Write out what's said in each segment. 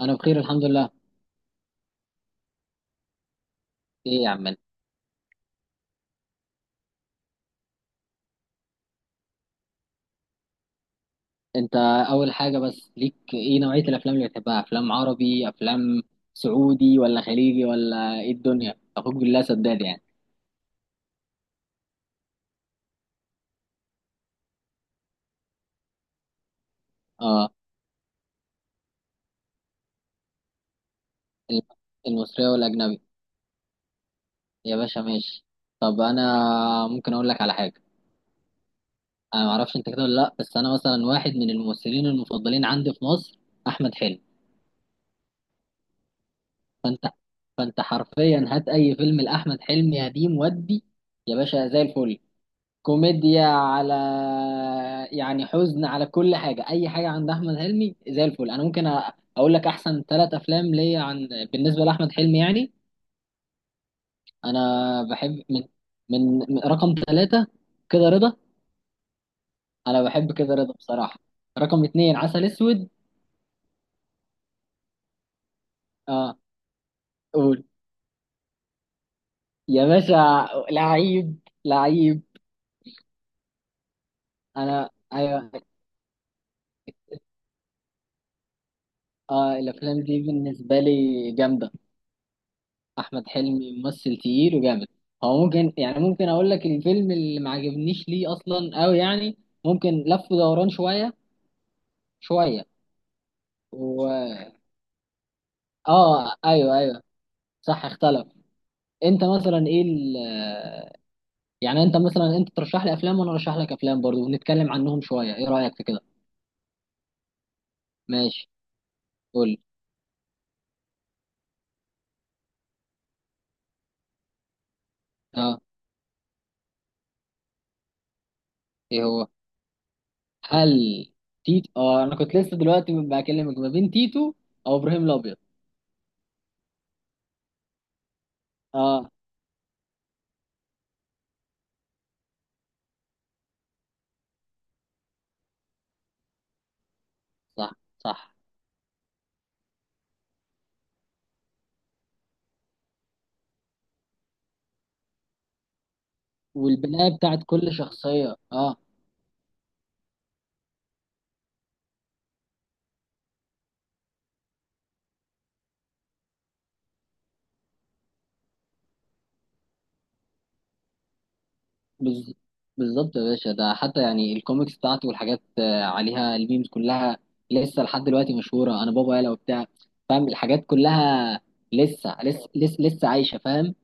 انا بخير الحمد لله. ايه يا عم؟ انت اول حاجه بس، ليك ايه؟ نوعيه الافلام اللي بتحبها افلام عربي، افلام سعودي، ولا خليجي، ولا ايه الدنيا؟ اخوك بالله سداد يعني. اه، الم- المصريه والاجنبي. يا باشا ماشي. طب انا ممكن اقول لك على حاجه؟ انا ما اعرفش انت كده ولا لا، بس انا مثلا واحد من الممثلين المفضلين عندي في مصر احمد حلمي. فانت، فانت حرفيا هات اي فيلم لاحمد حلمي قديم ودي يا باشا زي الفل. كوميديا، على يعني حزن، على كل حاجة، أي حاجة عند أحمد حلمي زي الفل. أنا ممكن أقول لك أحسن ثلاث أفلام ليا عن، بالنسبة لأحمد حلمي يعني. أنا بحب رقم ثلاثة كده رضا. أنا بحب كده رضا بصراحة. رقم اتنين عسل أسود. أه، قول يا باشا لعيب، لعيب. أنا أيوه. أه، الأفلام دي بالنسبة لي جامدة. احمد حلمي ممثل تقيل وجامد. هو ممكن، يعني ممكن اقول لك الفيلم اللي ما عجبنيش ليه اصلا؟ قوي يعني، ممكن لف ودوران شويه شويه. و، اه ايوه ايوه، صح اختلف. انت مثلا ايه ال... آه، يعني انت مثلا انت ترشح لي افلام وانا ارشح لك افلام برضو ونتكلم عنهم شويه، ايه رايك في كده؟ ماشي، قول لي. اه، ايه هو؟ هل تيتو؟ اه انا كنت لسه دلوقتي بكلمك ما بين تيتو او ابراهيم الابيض. اه، صح صح. والبناء بتاعت كل شخصية، اه. بز... بالظبط يا باشا، ده حتى يعني الكوميكس بتاعته والحاجات عليها، الميمز كلها لسه لحد دلوقتي مشهورة. انا بابا يالا وبتاع، فاهم الحاجات كلها. لسه لسه لسه, لسه عايشة فاهم.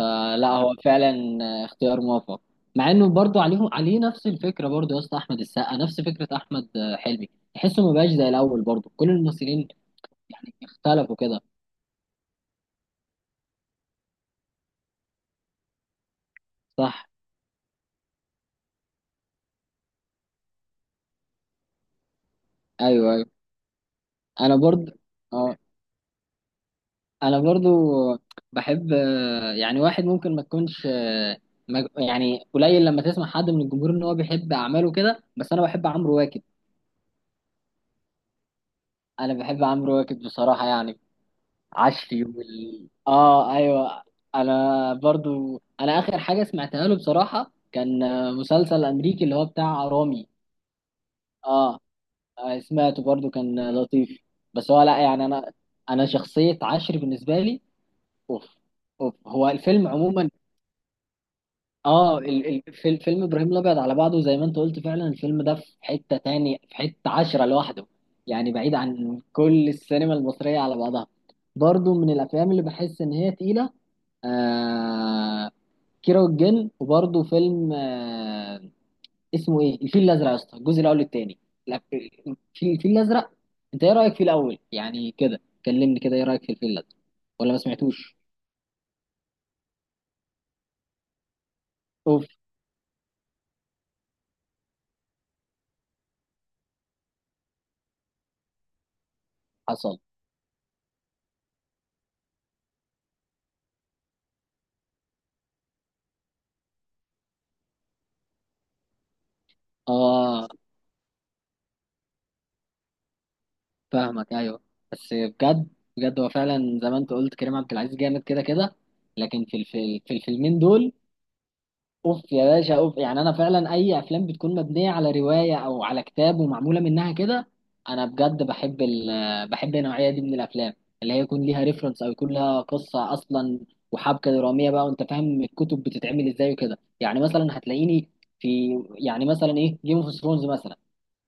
آه، لا هو فعلا. اختيار موفق. مع انه برضه عليه نفس الفكرة برضه يا اسطى. احمد السقا نفس فكرة احمد حلمي. تحسه ما بقاش زي الاول برضه كل الممثلين يعني اختلفوا كده. صح. ايوه ايوه، انا برضه. اه، انا برضو بحب، يعني واحد ممكن ما تكونش، يعني قليل لما تسمع حد من الجمهور ان هو بيحب اعماله كده، بس انا بحب عمرو واكد. انا بحب عمرو واكد بصراحة، يعني عشري وال، اه ايوه. انا برضو، انا اخر حاجة سمعتها له بصراحة كان مسلسل امريكي اللي هو بتاع رامي. اه، سمعته برضو كان لطيف. بس هو لا، يعني انا، انا شخصية عشري بالنسبة لي اوف، اوف. هو الفيلم عموما، اه في فيلم ابراهيم الابيض على بعضه زي ما انت قلت فعلا، الفيلم ده في حته تاني، في حته عشره لوحده يعني بعيد عن كل السينما المصريه على بعضها. برضو من الافلام اللي بحس ان هي تقيله. آه، كيرة والجن. وبرضو فيلم اسمه ايه؟ الفيل الازرق يا اسطى الجزء الاول، التاني. لا الفيل الازرق. انت ايه رايك في الاول؟ يعني كده كلمني كده، ايه رايك في الفيل الازرق؟ ولا ما سمعتوش. اوف. حصل. اه، فاهمك ايوه. بس بجد، بجد هو فعلا زي ما انت قلت، كريم عبد العزيز جامد كده كده. لكن في الفيل، في الفيلمين دول اوف يا باشا اوف. يعني انا فعلا اي افلام بتكون مبنيه على روايه او على كتاب ومعموله منها كده، انا بجد بحب ال، بحب النوعيه دي من الافلام، اللي هي يكون ليها ريفرنس او يكون لها قصه اصلا وحبكه دراميه بقى، وانت فاهم الكتب بتتعمل ازاي وكده. يعني مثلا هتلاقيني في، يعني مثلا ايه، جيم اوف ثرونز مثلا،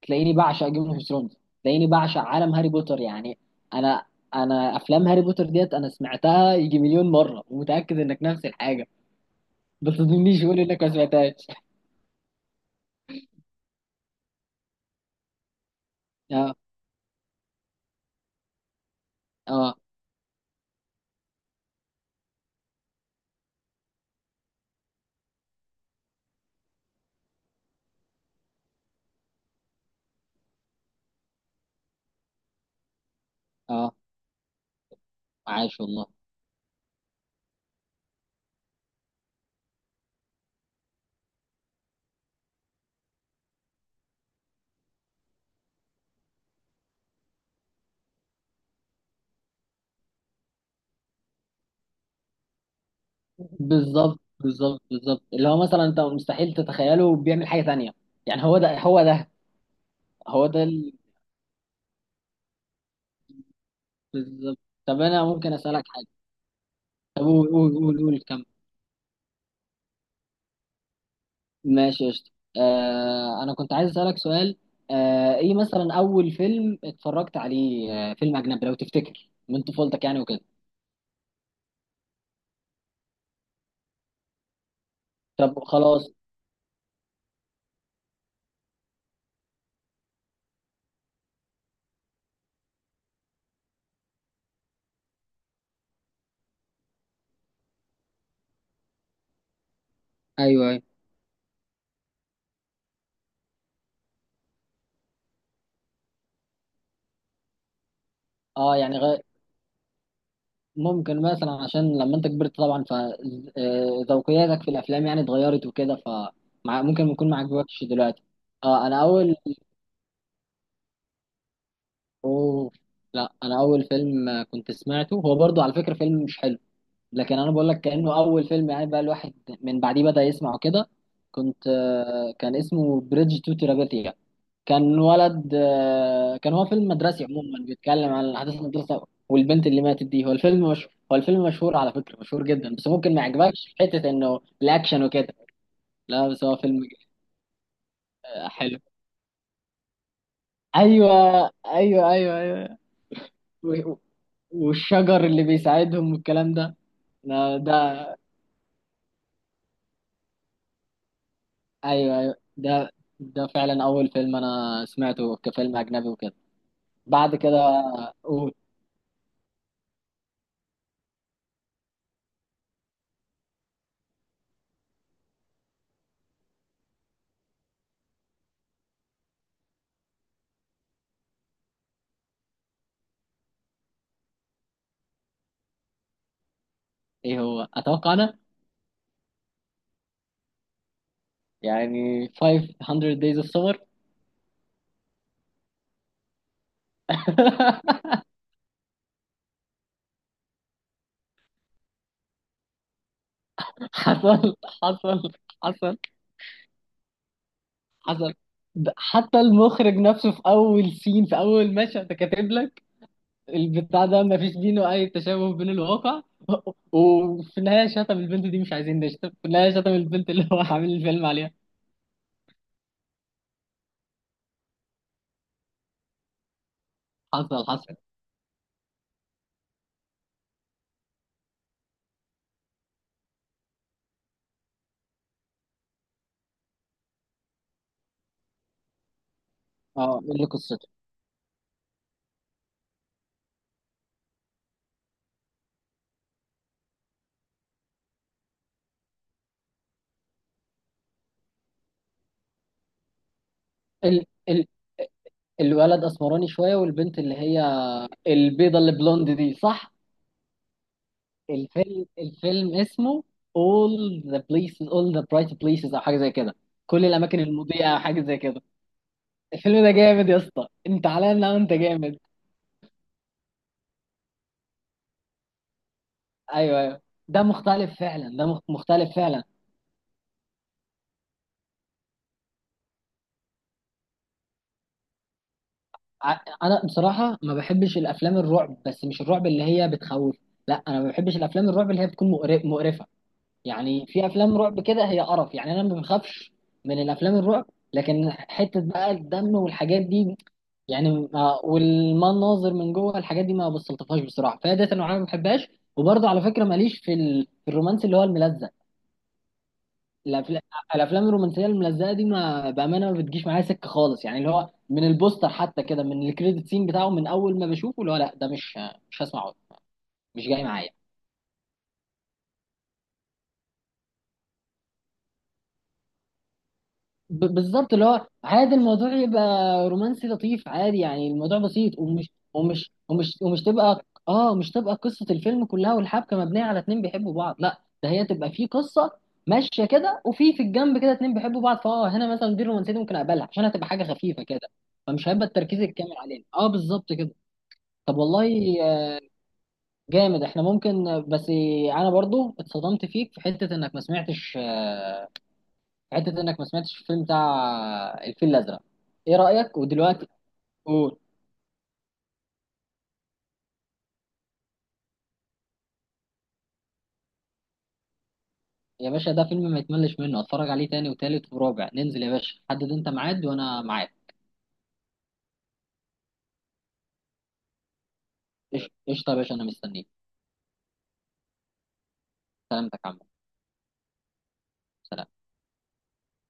تلاقيني بعشق جيم اوف ثرونز. تلاقيني بعشق عالم هاري بوتر يعني. انا، انا افلام هاري بوتر ديت انا سمعتها يجي مليون مره، ومتاكد انك نفس الحاجه، ما تظنيش قول انك ما سمعتهاش. اه اه اه، عاش والله. بالظبط بالظبط بالظبط، اللي هو مثلا انت مستحيل تتخيله بيعمل حاجه تانية. يعني هو ده، هو ده، هو ده بالظبط. طب انا ممكن اسالك حاجه؟ طب قول قول قول قول، كمل. ماشي يا شط. آه انا كنت عايز اسالك سؤال. آه، ايه مثلا اول فيلم اتفرجت عليه، آه فيلم اجنبي لو تفتكر من طفولتك يعني وكده؟ طب خلاص. ايوه ايوه. اه يعني غ... ممكن مثلا، عشان لما انت كبرت طبعا فذوقياتك في الافلام يعني اتغيرت وكده، ممكن يكون ما عجبكش دلوقتي. اه، انا اول، اوه لا، انا اول فيلم كنت سمعته هو برضو على فكره فيلم مش حلو، لكن انا بقول لك كانه اول فيلم يعني، بقى الواحد من بعديه بدا يسمعه كده. كنت كان اسمه بريدج تو تيرابيثيا. كان ولد كان هو فيلم مدرسي عموما بيتكلم عن احداث المدرسه والبنت اللي ماتت دي. هو الفيلم مش، هو الفيلم مشهور على فكره، مشهور جدا، بس ممكن ما يعجبكش في حته انه الاكشن وكده. لا بس هو فيلم حلو. ايوه ايوه ايوه ايوه. و- و- والشجر اللي بيساعدهم والكلام ده. ده ده ايوه ايوه، ده ده فعلا اول فيلم انا سمعته كفيلم اجنبي وكده. بعد كده قول. ايه هو؟ اتوقع انا يعني 500 days of summer. حصل حصل حصل حصل. ده حتى المخرج نفسه في اول سين في اول مشهد كاتب لك البتاع ده، ما فيش بينه اي تشابه بين الواقع. وفي النهايه شتم البنت دي. مش عايزين نشتم. في النهايه شتم البنت اللي هو عامل الفيلم عليها. حصل حصل. اه، اللي قصته ال- ال- الولد اسمراني شويه والبنت اللي هي البيضه اللي بلوند دي، صح؟ الفيلم، الفيلم اسمه All the places, All the bright places او حاجه زي كده. كل الاماكن المضيئه او حاجه زي كده. الفيلم ده جامد يا اسطى، انت علينا وانت جامد. ايوه ايوه، ده مختلف فعلا، ده مختلف فعلا. ع- انا بصراحه ما بحبش الافلام الرعب، بس مش الرعب اللي هي بتخوف. لا، انا ما بحبش الافلام الرعب اللي هي بتكون مقرفه. يعني في افلام رعب كده هي قرف. يعني انا ما بخافش من الافلام الرعب، لكن حته بقى الدم والحاجات دي، يعني والمناظر من جوه الحاجات دي ما بستلطفهاش بصراحه، فهي ديت انا ما بحبهاش. وبرضه على فكره ماليش في ال، في الرومانس اللي هو الملزق. الأفلا- الافلام الرومانسيه الملزقه دي ما بامانه ما بتجيش معايا سكه خالص، يعني اللي هو من البوستر حتى كده، من الكريدت سين بتاعه، من اول ما بشوفه اللي هو لا ده مش، مش هسمعه، مش جاي معايا. بالظبط، اللي هو عادي، الموضوع يبقى رومانسي لطيف عادي، يعني الموضوع بسيط، ومش تبقى، اه مش تبقى قصة الفيلم كلها والحبكة مبنية على اتنين بيحبوا بعض. لا، ده هي تبقى في قصة ماشية كده، وفي في الجنب كده اتنين بيحبوا بعض. فاه، هنا مثلا دي الرومانسية دي ممكن اقبلها، عشان هتبقى حاجة خفيفة كده، فمش هيبقى التركيز الكامل علينا. اه بالظبط كده. طب والله، جامد. احنا ممكن، بس انا برضو اتصدمت فيك في حتة انك ما سمعتش، حته انك ما سمعتش الفيلم بتاع الفيل الازرق. ايه رايك ودلوقتي؟ قول. يا باشا ده فيلم ما يتملش منه، اتفرج عليه تاني وتالت ورابع. ننزل يا باشا، حدد انت ميعاد وانا معاك. قشطه قشطة يا باشا، انا مستنيك. سلامتك يا عم. سلام.